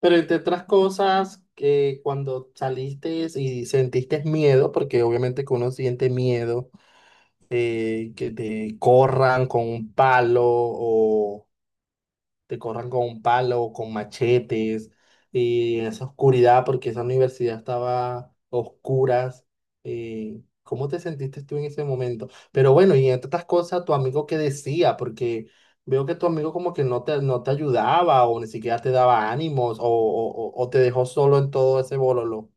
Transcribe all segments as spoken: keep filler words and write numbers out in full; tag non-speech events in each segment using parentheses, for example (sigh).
Pero entre otras cosas, que cuando saliste y sentiste miedo, porque obviamente que uno siente miedo, eh, que te corran con un palo o te corran con palos, con machetes, y en esa oscuridad, porque esa universidad estaba a oscuras. eh, ¿Cómo te sentiste tú en ese momento? Pero bueno, y entre otras cosas, tu amigo qué decía, porque veo que tu amigo como que no te, no te ayudaba o ni siquiera te daba ánimos o, o, o- o te dejó solo en todo ese bololo.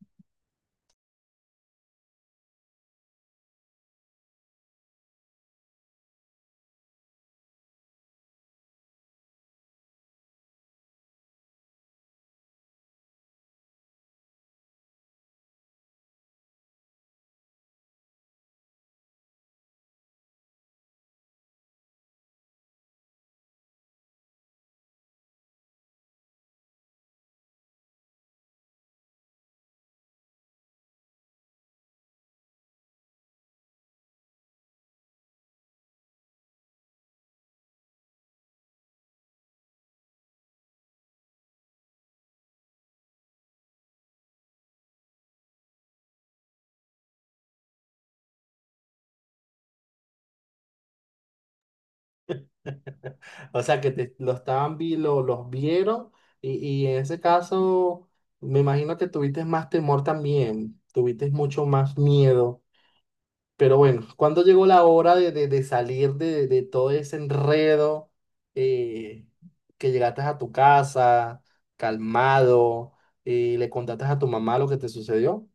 O sea, que te, lo estaban, vi- lo, los vieron y, y en ese caso... Me imagino que tuviste más temor también, tuviste mucho más miedo. Pero bueno, ¿cuándo llegó la hora de, de- de salir de, de todo ese enredo? eh, que llegaste a tu casa, calmado, y le contaste a tu mamá lo que te sucedió.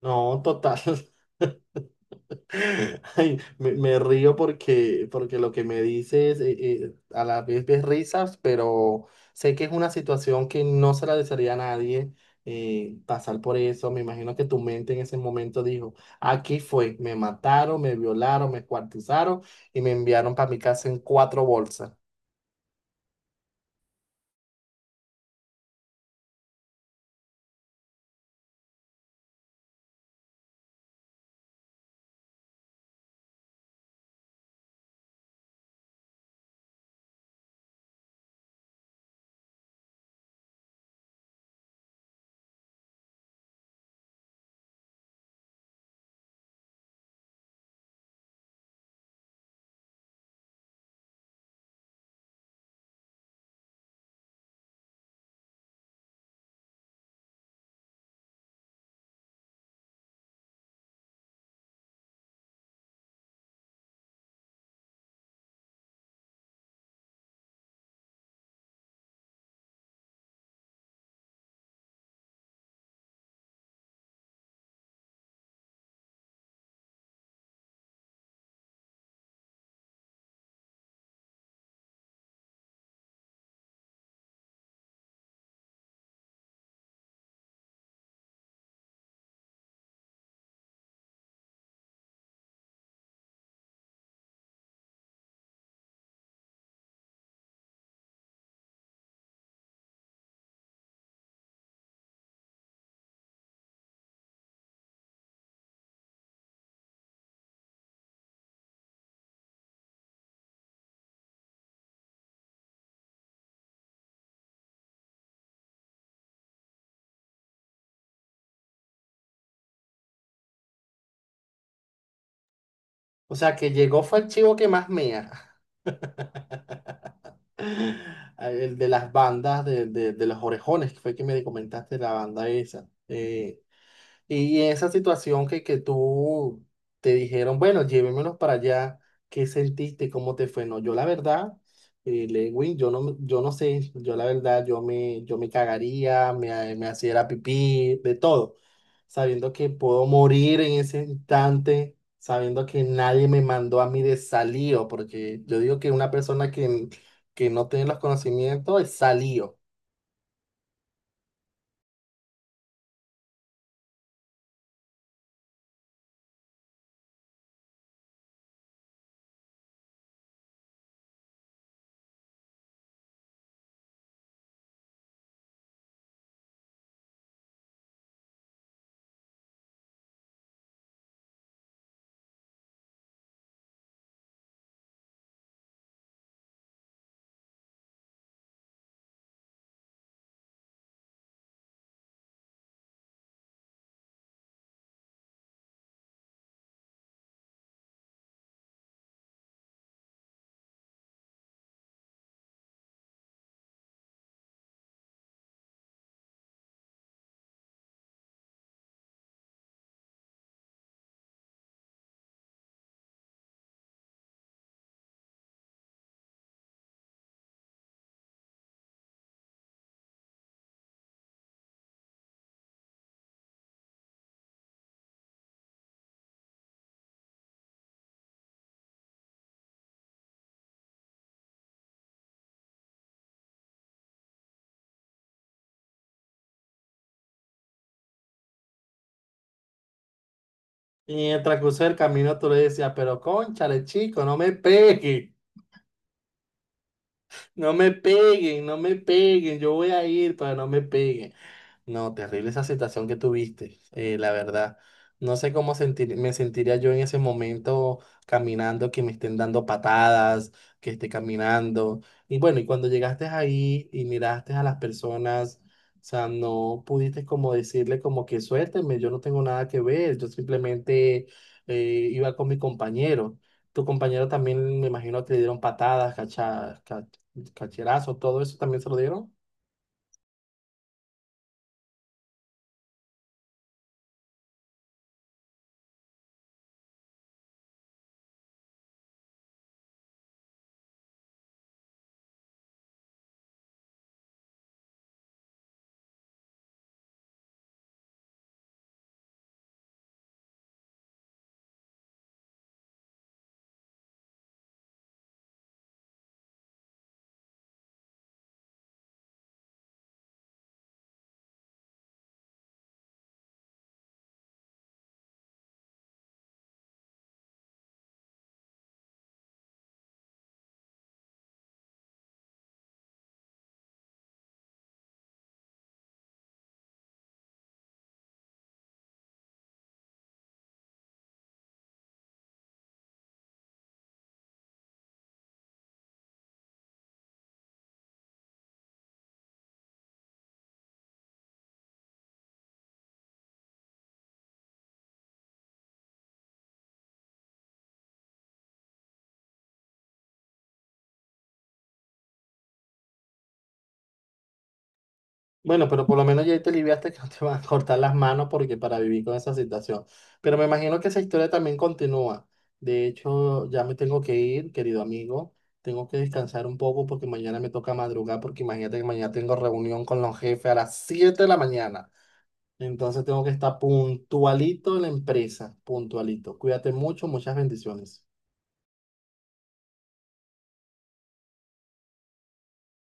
No, total. (laughs) (laughs) Ay, me, me río porque, porque lo que me dices eh, eh, a la vez ves risas, pero sé que es una situación que no se la desearía a nadie eh, pasar por eso. Me imagino que tu mente en ese momento dijo, aquí fue, me mataron, me violaron, me escuartizaron y me enviaron para mi casa en cuatro bolsas. O sea, que llegó fue el chivo que más mía. (laughs) El de las bandas, de, de, de los Orejones, que fue que me comentaste la banda esa. Eh, Y esa situación que, que tú te dijeron, bueno, llévemelos para allá, ¿qué sentiste? ¿Cómo te fue? No, yo la verdad, eh, Lewin, yo no, yo no sé, yo la verdad, yo me, yo me cagaría, me, me hacía pipí, de todo, sabiendo que puedo morir en ese instante, sabiendo que nadie me mandó a mí de salido, porque yo digo que una persona que, que no tiene los conocimientos es salido. Y en el transcurso del camino tú le decías, pero cónchale, chico, no me pegues. No me peguen, no me peguen, yo voy a ir para no me peguen. No, terrible esa situación que tuviste, eh, la verdad. No sé cómo sentir, me sentiría yo en ese momento caminando, que me estén dando patadas, que esté caminando. Y bueno, y cuando llegaste ahí y miraste a las personas, o sea, no pudiste como decirle como que suélteme, yo no tengo nada que ver, yo simplemente eh, iba con mi compañero. Tu compañero también me imagino que le dieron patadas, cacha- ca- cacherazos, todo eso también se lo dieron. Bueno, pero por lo menos ya te aliviaste que no te van a cortar las manos porque para vivir con esa situación. Pero me imagino que esa historia también continúa. De hecho, ya me tengo que ir, querido amigo. Tengo que descansar un poco porque mañana me toca madrugar porque imagínate que mañana tengo reunión con los jefes a las siete de la mañana. Entonces tengo que estar puntualito en la empresa, puntualito. Cuídate mucho, muchas bendiciones.